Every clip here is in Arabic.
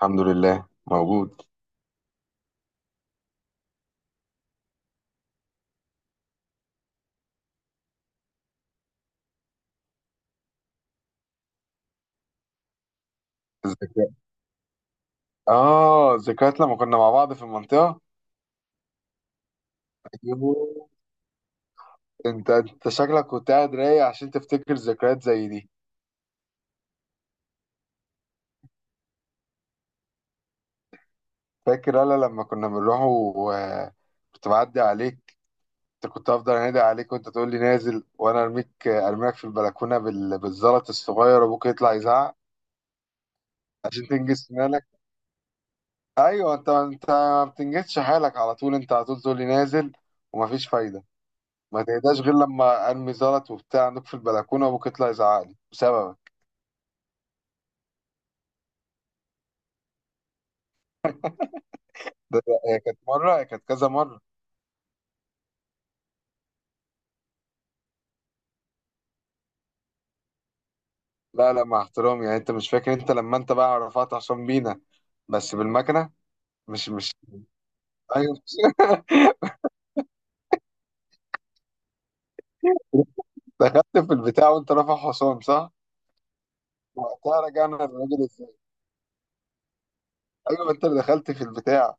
الحمد لله موجود. الذكريات. اه، ذكريات لما كنا مع بعض في المنطقة. أيوه. انت شكلك كنت قاعد رايق عشان تفتكر ذكريات زي دي. فاكر انا لما كنا بنروح كنت بعدي عليك. انت كنت افضل انادي عليك وانت تقول لي نازل، وانا ارميك، ارميك في البلكونة بالزلط الصغير، ابوك يطلع يزعق. عشان تنجز سنانك. ايوه، انت ما بتنجزش حالك على طول، انت على طول تقول لي نازل ومفيش فايدة. ما تهداش غير لما قلبي زلط وبتاع عندك في البلكونه، وابوك يطلع يزعق لي بسببك. هي كانت مره، هي كانت كذا مره. لا لا، مع احترامي يعني، انت مش فاكر، انت لما انت بقى رفعت حسام بينا، بس بالمكنه. مش. ايوه. دخلت في البتاع وانت رافع حسام، صح؟ وقتها رجعنا للراجل ازاي؟ ايوه، ما انت اللي دخلت في البتاع.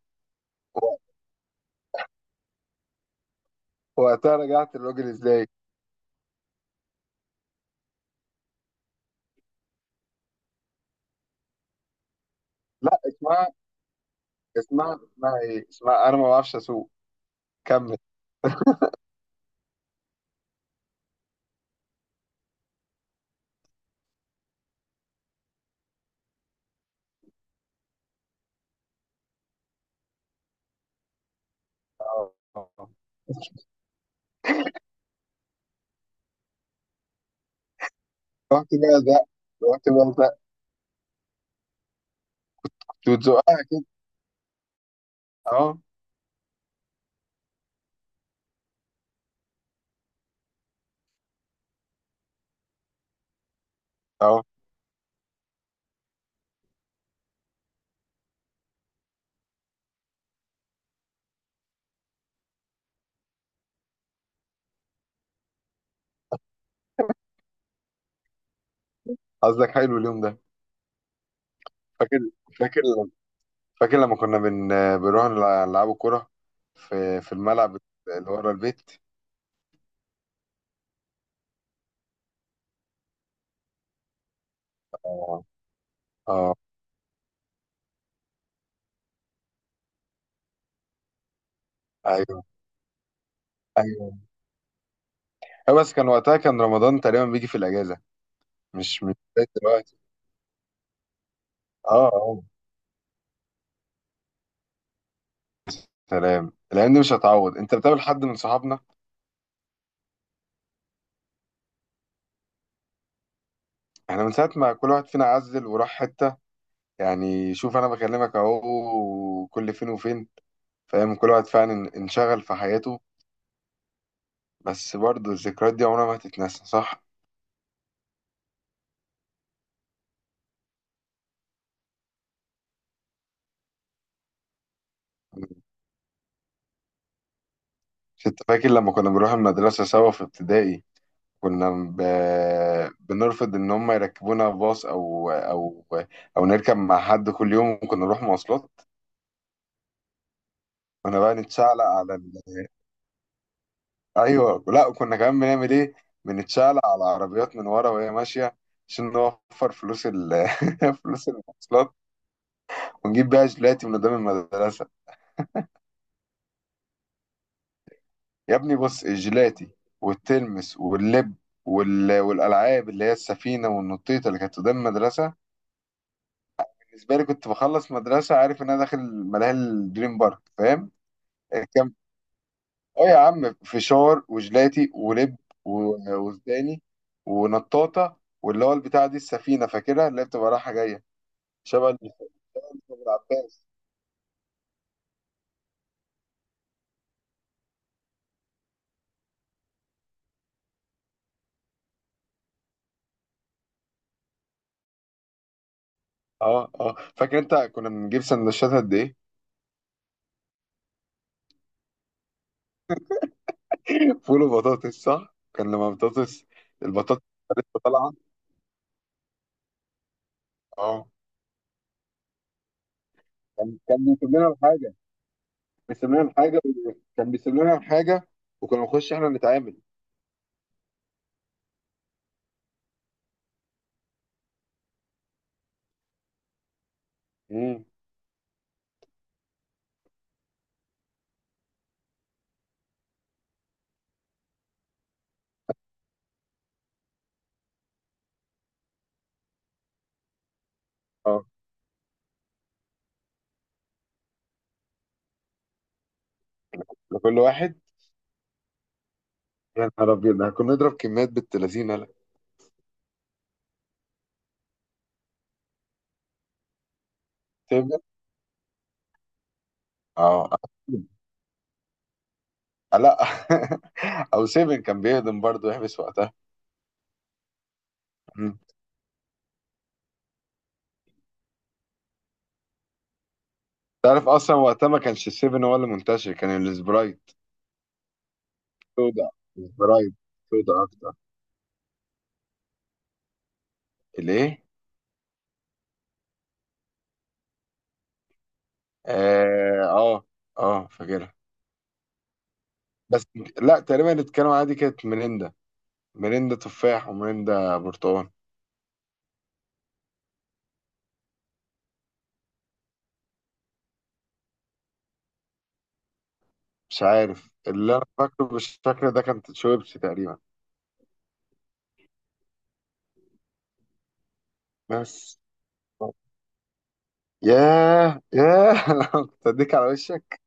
وقتها رجعت للراجل ازاي؟ لا اسمها، اسمها ايه؟ اسمها، انا ما بعرفش اسوق. كمل. آه. رحت بقى ده، رحت بقى ده، وتزقها. اه اه. قصدك حلو اليوم ده. فاكر، فاكر، فاكر لما كنا نلعبوا كرة في الملعب اللي ورا البيت. اه اه. ايوه ايوه. آه، بس كان وقتها كان رمضان تقريبا بيجي في الاجازة، مش زي دلوقتي. اه اه. سلام، الايام دي مش هتعوض. انت بتقابل حد من صحابنا؟ احنا من ساعة ما كل واحد فينا عزل وراح حتة، يعني شوف انا بكلمك اهو كل فين وفين، فاهم، كل واحد فعلا انشغل في حياته، بس برضه الذكريات دي عمرها ما هتتنسى، صح؟ كنت فاكر لما كنا بنروح المدرسة سوا في ابتدائي، كنا بنرفض إن هم يركبونا باص أو نركب مع حد كل يوم، وكنا نروح مواصلات. كنا بقى نتشعلق على ال... أيوه لا، وكنا كمان بنعمل إيه؟ بنتشعلق على العربيات من ورا وهي ماشية عشان نوفر فلوس ال... فلوس المواصلات، ونجيب بيها جيلاتي من قدام المدرسة. يا ابني بص، الجيلاتي والتلمس واللب، وال... والألعاب اللي هي السفينة والنطيطة اللي كانت قدام المدرسة. بالنسبه لي كنت بخلص مدرسه عارف ان انا داخل ملاهي الدريم بارك، فاهم. كان، اه يا عم فشار وجلاتي ولب وزداني ونطاطه، واللي هو البتاع دي السفينه، فاكرها، اللي هي بتبقى رايحه جايه، شبه اللي في ابو العباس. اه اه فاكر. انت كنا بنجيب سندوتشات قد ايه؟ فول وبطاطس، صح؟ كان لما بطاطس، البطاطس كانت لسه طالعه. اه، كان بيسيب لنا الحاجه، بيسيب لنا الحاجه، كان بيسيب لنا الحاجه، وكنا نخش احنا نتعامل. امم. اه. لكل واحد. يا نهار أبيض، ده كنا نضرب كميات بنت لذينة، لا. سيفن. اه. آه لا. أو سيفن كان بيهضم برضه يحبس وقتها. مم. تعرف أصلا وقتها ما كانش السيفن هو اللي منتشر، كان السبرايت سودا، السبرايت سودا أكتر. الإيه؟ آه آه، آه فاكرها. بس لا، تقريبا اللي اتكلموا عليها دي كانت ميريندا، ميريندا تفاح وميريندا برتقال. مش عارف، اللي أنا فاكره بالشكل ده كانت شويبس تقريبا. بس. ياه ياه، كنت اديك على وشك.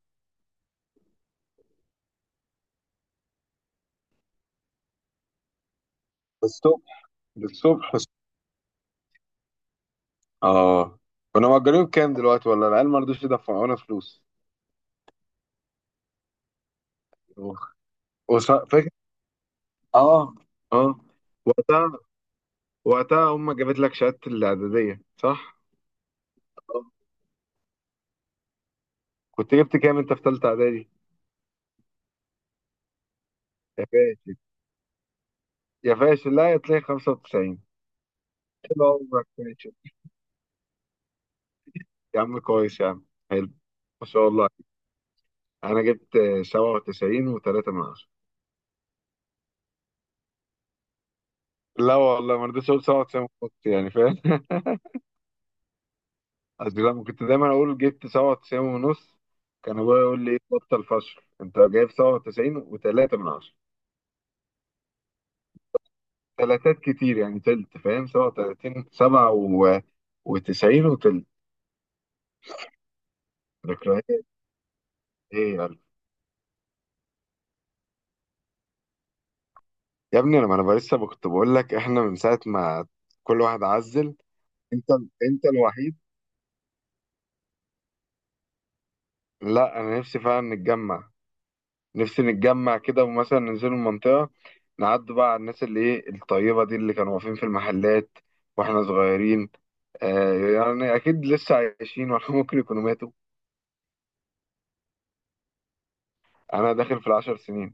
الصبح، الصبح، الصبح. اه. كنا مأجرين بكام دلوقتي؟ ولا العيال ما رضوش يدفعونا فلوس. فاكر. اه اه. وقتها وقتها امك جابت لك شهادة الإعدادية، صح؟ آه. كنت جبت كام انت في ثالثة إعدادي؟ يا فاشل، يا فاشل، لا يا تلاقي 95. حلو، عمرك فاشل، يا عم كويس يا عم، حلو. ما شاء الله، انا جبت 97 و3 من 10. لا والله ما رضيتش اقول 97 ونص، يعني فاهم. أصل لما كنت دايما أقول جبت 97 ونص، كان أبويا يقول لي إيه بطل فشل، أنت جايب 97 و3 من 10. تلاتات كتير يعني تلت، فاهم، 37، وتسعين وتلت. ذكريات. إيه يا قلب. يا ابني، أنا، ما أنا لسه كنت بقول لك إحنا من ساعة ما كل واحد عزل، أنت أنت الوحيد. لا، أنا نفسي فعلا نتجمع، نفسي نتجمع كده، ومثلا ننزل المنطقة، نعدوا بقى على الناس اللي إيه الطيبة دي اللي كانوا واقفين في المحلات واحنا صغيرين. آه يعني اكيد لسه عايشين، ولا ممكن يكونوا ماتوا. انا داخل في 10 سنين.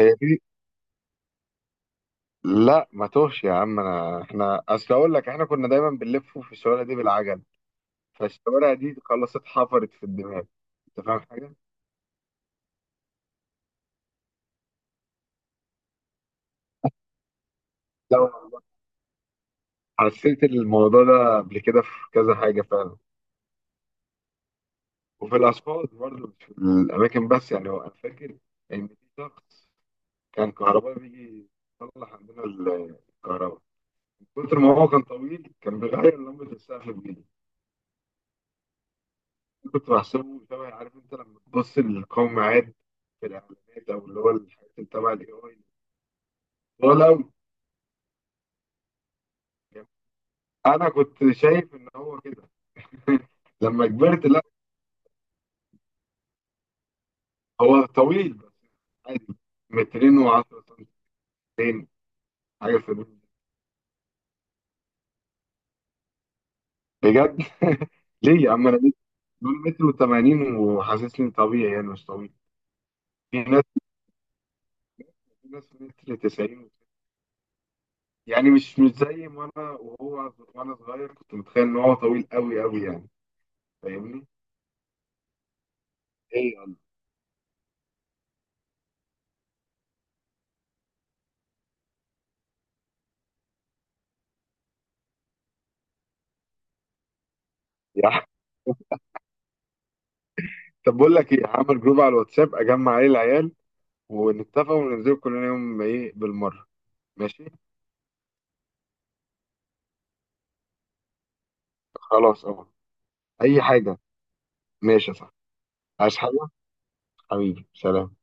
هي دي. لا ما توهش يا عم، انا احنا اصل اقول لك احنا كنا دايما بنلف في الشوارع دي بالعجل، فالشوارع دي خلاص اتحفرت في الدماغ، انت فاهم حاجه؟ لو حسيت الموضوع ده قبل كده في كذا حاجه فعلا، وفي الاسفلت برضه مش في الاماكن بس، يعني هو انا فاكر ان في شخص كان كهربائي بيجي يصلح عندنا الكهرباء، من كتر ما هو كان طويل كان بيغير لمبه السقف بايده. كنت بحسبه شبه، عارف انت لما تبص للقوم عاد في الاعلانات او اللي هو الحاجات اللي تبع الاي، طول قوي. انا كنت شايف ان هو كده. لما كبرت، لا. هو طويل بس. عادي، مترين و10 سنتين، حاجه في الوقت. بجد. ليه يا عم، دول متر و80 وحاسسني طبيعي، يعني مش طويل. في ناس، في ناس متر 90، يعني مش زي ما انا، وهو وانا صغير كنت متخيل ان هو طويل قوي قوي، يعني فاهمني؟ ايه يا ح- طب بقول لك ايه، هعمل جروب على الواتساب اجمع عليه العيال ونتفق وننزل كلنا يوم ايه بالمره. ماشي. خلاص اهو، اي حاجه. ماشي يا صاحبي. عايز حاجه، حبيبي سلام.